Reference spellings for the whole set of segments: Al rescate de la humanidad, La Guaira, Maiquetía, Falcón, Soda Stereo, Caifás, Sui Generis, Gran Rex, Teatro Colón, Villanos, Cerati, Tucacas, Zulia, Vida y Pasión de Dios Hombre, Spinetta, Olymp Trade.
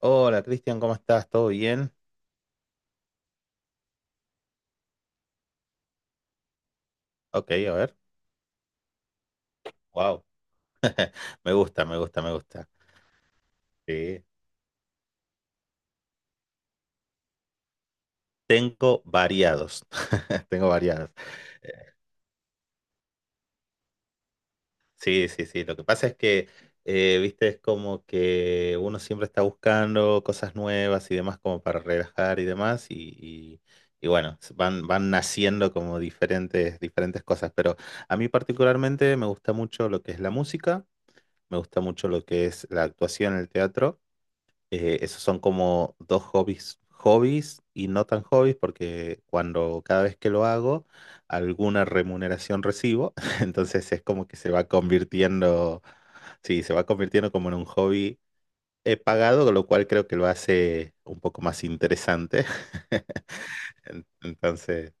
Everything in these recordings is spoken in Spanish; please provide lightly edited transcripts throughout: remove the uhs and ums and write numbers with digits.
Hola Cristian, ¿cómo estás? ¿Todo bien? Ok, a ver. Wow. Me gusta, me gusta, me gusta. Sí. Tengo variados. Tengo variados. Eh, Sí, sí, sí. Lo que pasa es que, viste, es como que uno siempre está buscando cosas nuevas y demás como para relajar y demás. Y bueno, van naciendo como diferentes cosas. Pero a mí particularmente me gusta mucho lo que es la música, me gusta mucho lo que es la actuación, el teatro. Esos son como dos hobbies, hobbies y no tan hobbies, porque cuando cada vez que lo hago, alguna remuneración recibo, entonces es como que se va convirtiendo, sí, se va convirtiendo como en un hobby pagado, lo cual creo que lo hace un poco más interesante. En- Entonces,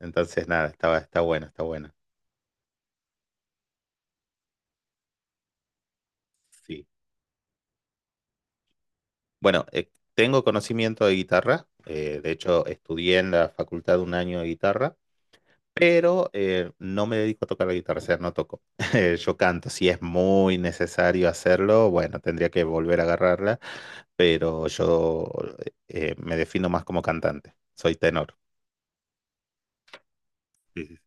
entonces, nada, está bueno, está bueno. Sí. Bueno, tengo conocimiento de guitarra, de hecho estudié en la facultad un año de guitarra. Pero no me dedico a tocar la guitarra, o sea, no toco. Yo canto, si es muy necesario hacerlo, bueno, tendría que volver a agarrarla, pero yo me defino más como cantante, soy tenor. Sí, sí, sí.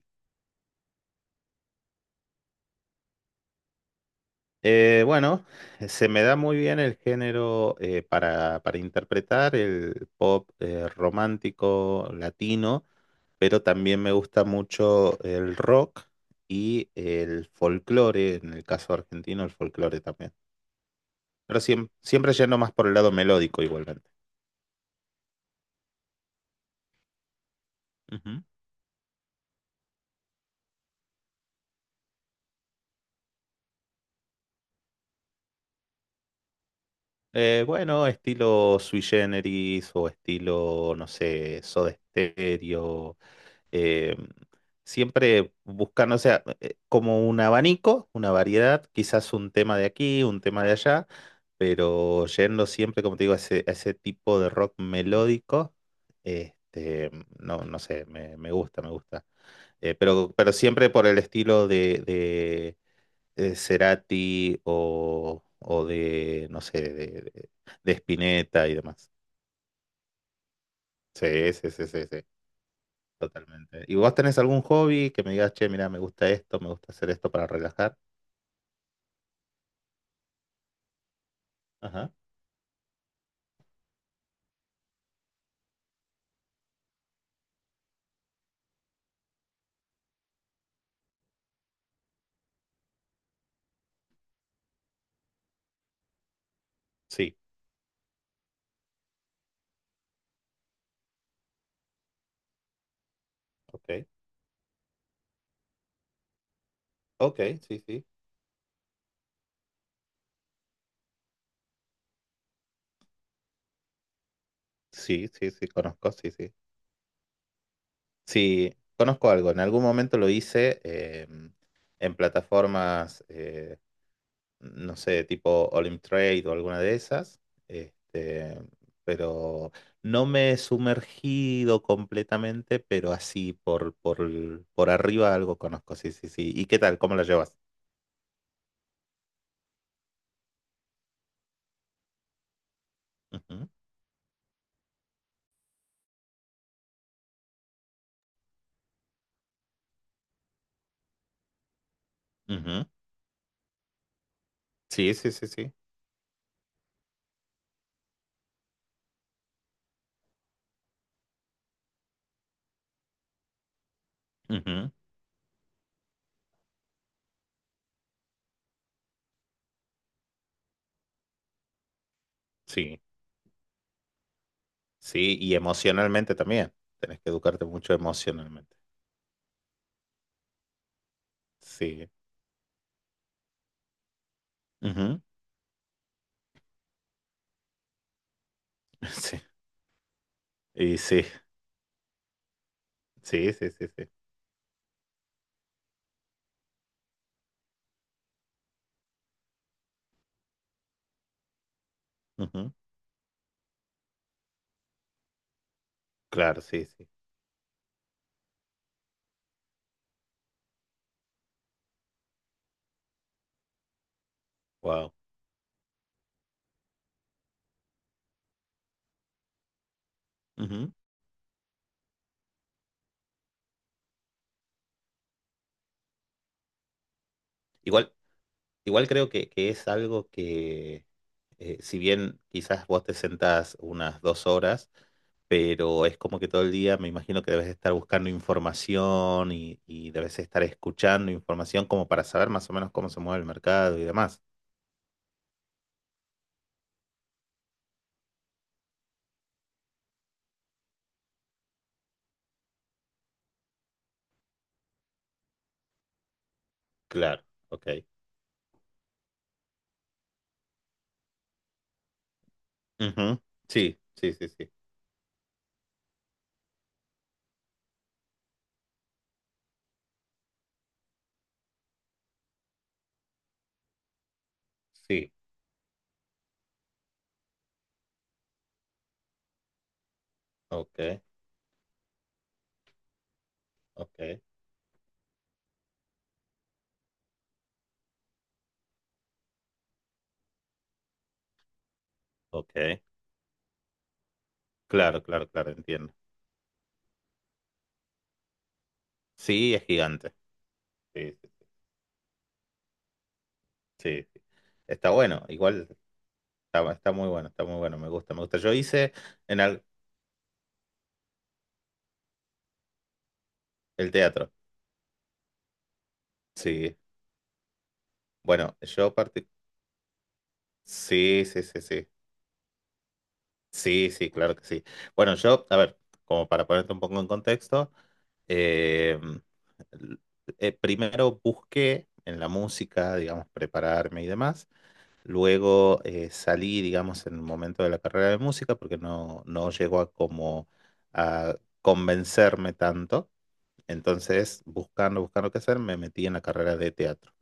Bueno, se me da muy bien el género para interpretar el pop romántico latino, pero también me gusta mucho el rock y el folclore, en el caso argentino, el folclore también. Pero siempre yendo más por el lado melódico igualmente. Ujú. Bueno, estilo Sui Generis o estilo, no sé, Soda Stereo. eh, siempre buscando, o sea, como un abanico, una variedad, quizás un tema de aquí, un tema de allá, pero yendo siempre, como te digo, a ese tipo de rock melódico. Este, no, no sé, me gusta, me gusta. Pero siempre por el estilo de, Cerati o de, no sé, de, de Spinetta y demás. Sí, sí, sí, sí, sí, totalmente. ¿Y vos tenés algún hobby que me digas, che, mira, me gusta esto, me gusta hacer esto para relajar? Ajá. Sí, ok. Ok, sí, sí. Sí, sí, sí, conozco, sí, sí. Sí, conozco algo. En algún momento lo hice en plataformas no sé, tipo Olymp Trade o alguna de esas, este, pero no me he sumergido completamente, pero así por por arriba algo conozco, sí, sí, sí. ¿Y qué tal? ¿Cómo la llevas? Ujú, ujú. Sí, sí, sí, sí. Ujú. Sí, sí, y emocionalmente también. Tenés que educarte mucho emocionalmente. Sí. Ujú. Sí. Y sí, sí, sí, sí, sí. Ujú. Claro, sí, sí. Wow. Igual. Igual creo que es algo que, si bien quizás vos te sentás unas 2 horas, pero es como que todo el día me imagino que debes estar buscando información y debes estar escuchando información como para saber más o menos cómo se mueve el mercado y demás. Claro, ok. Ujú. Sí, sí, sí, sí. Sí, ok, ok, ok. Claro, claro, claro, entiendo. Sí, es gigante. Sí, sí, sí, sí. Está bueno, igual. Está muy bueno, está muy bueno, me gusta, me gusta. Yo hice en al- el teatro, sí. Bueno, yo partí. Sí, sí, sí, sí. Sí, sí, claro que sí. Bueno, yo, a ver, como para ponerte un poco en contexto, eh, l- primero busqué en la música, digamos, prepararme y demás. Luego salí, digamos, en el momento de la carrera de música porque no llegó a como a convencerme tanto. Entonces, buscando qué hacer, me metí en la carrera de teatro.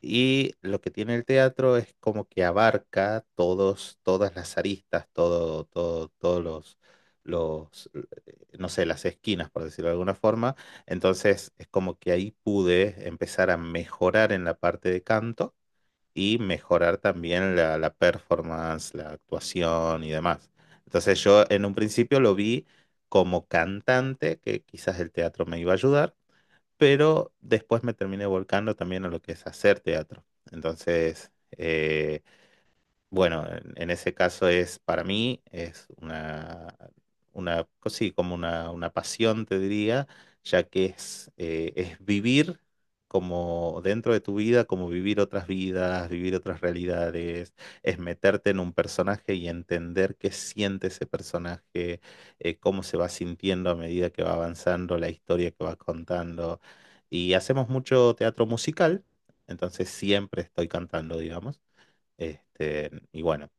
Y lo que tiene el teatro es como que abarca todos, todas las aristas, todo, todo, todos los, no sé, las esquinas, por decirlo de alguna forma. Entonces, es como que ahí pude empezar a mejorar en la parte de canto y mejorar también la performance, la actuación y demás. Entonces, yo en un principio lo vi como cantante, que quizás el teatro me iba a ayudar pero después me terminé volcando también a lo que es hacer teatro. Entonces, bueno, en ese caso es para mí, es una, sí, como una pasión, te diría, ya que es vivir como dentro de tu vida, como vivir otras vidas, vivir otras realidades, es meterte en un personaje y entender qué siente ese personaje, cómo se va sintiendo a medida que va avanzando la historia que va contando. Y hacemos mucho teatro musical, entonces siempre estoy cantando, digamos. Este, y bueno,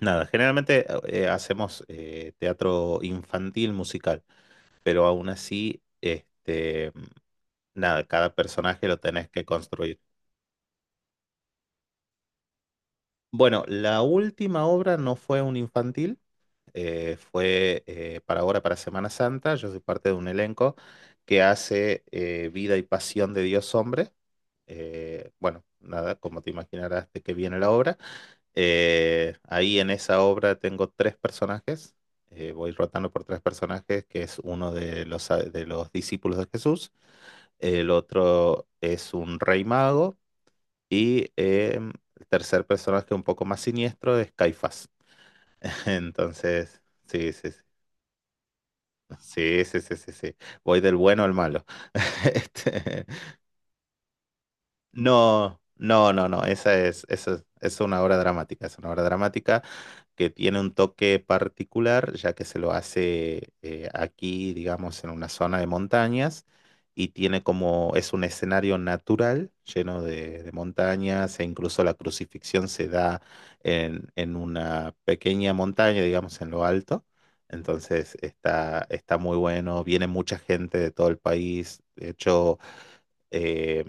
nada, generalmente hacemos teatro infantil musical, pero aún así, este, nada, cada personaje lo tenés que construir. Bueno, la última obra no fue un infantil, fue para ahora, para Semana Santa. Yo soy parte de un elenco que hace Vida y Pasión de Dios Hombre. Bueno, nada, como te imaginarás de que viene la obra. Ahí en esa obra tengo tres personajes. Voy rotando por tres personajes, que es uno de los discípulos de Jesús, el otro es un rey mago y el tercer personaje un poco más siniestro es Caifás. Entonces, sí, sí, sí. Sí, sí, sí, sí, sí. Voy del bueno al malo. Este, no, no, no, no. Esa es una obra dramática. Es una obra dramática. Que tiene un toque particular, ya que se lo hace aquí, digamos, en una zona de montañas, y tiene como, es un escenario natural lleno de montañas, e incluso la crucifixión se da en una pequeña montaña, digamos, en lo alto. Entonces está muy bueno, viene mucha gente de todo el país, de hecho. Eh,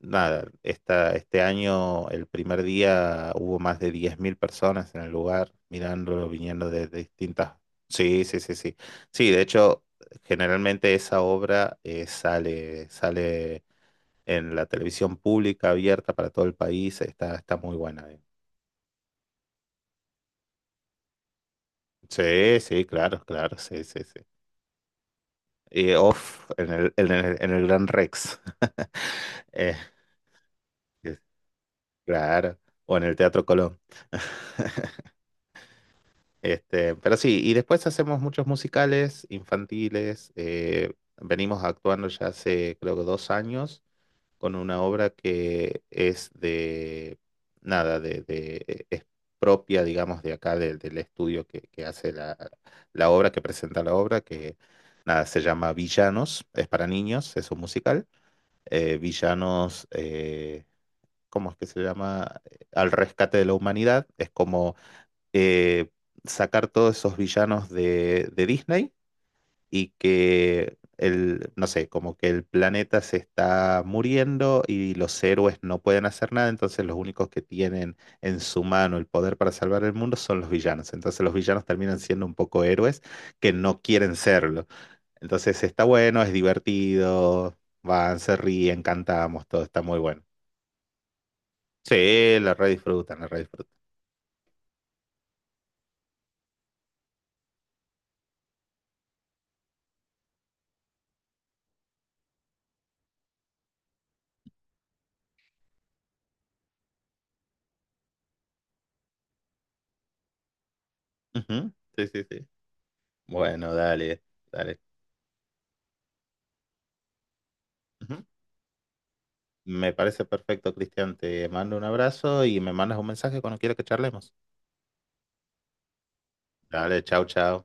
nada, este año, el primer día, hubo más de 10.000 personas en el lugar mirándolo, viniendo de distintas. Sí, sí, sí, sí. Sí, de hecho, generalmente esa obra sale en la televisión pública abierta para todo el país, está muy buena. Sí, sí, claro, claro, sí, sí, sí. Y off, en el Gran Rex. Eh, claro, o en el Teatro Colón. Este, pero sí, y después hacemos muchos musicales infantiles. Venimos actuando ya hace creo que 2 años con una obra que es de nada, es propia, digamos, de acá del estudio que hace la obra, que presenta la obra, que nada, se llama Villanos, es para niños, es un musical. Villanos, ¿cómo es que se llama? Al rescate de la humanidad. Es como eh, sacar todos esos villanos de Disney y que el, no sé, como que el planeta se está muriendo y los héroes no pueden hacer nada, entonces los únicos que tienen en su mano el poder para salvar el mundo son los villanos. Entonces los villanos terminan siendo un poco héroes que no quieren serlo. Entonces está bueno, es divertido, van, se ríen, cantamos, todo está muy bueno. Sí, la redisfrutan, la redisfrutan. Ujú. Sí, sí, sí. Bueno, dale, dale. Ujú. Me parece perfecto, Cristian. Te mando un abrazo y me mandas un mensaje cuando quieras que charlemos. Dale, chao, chao.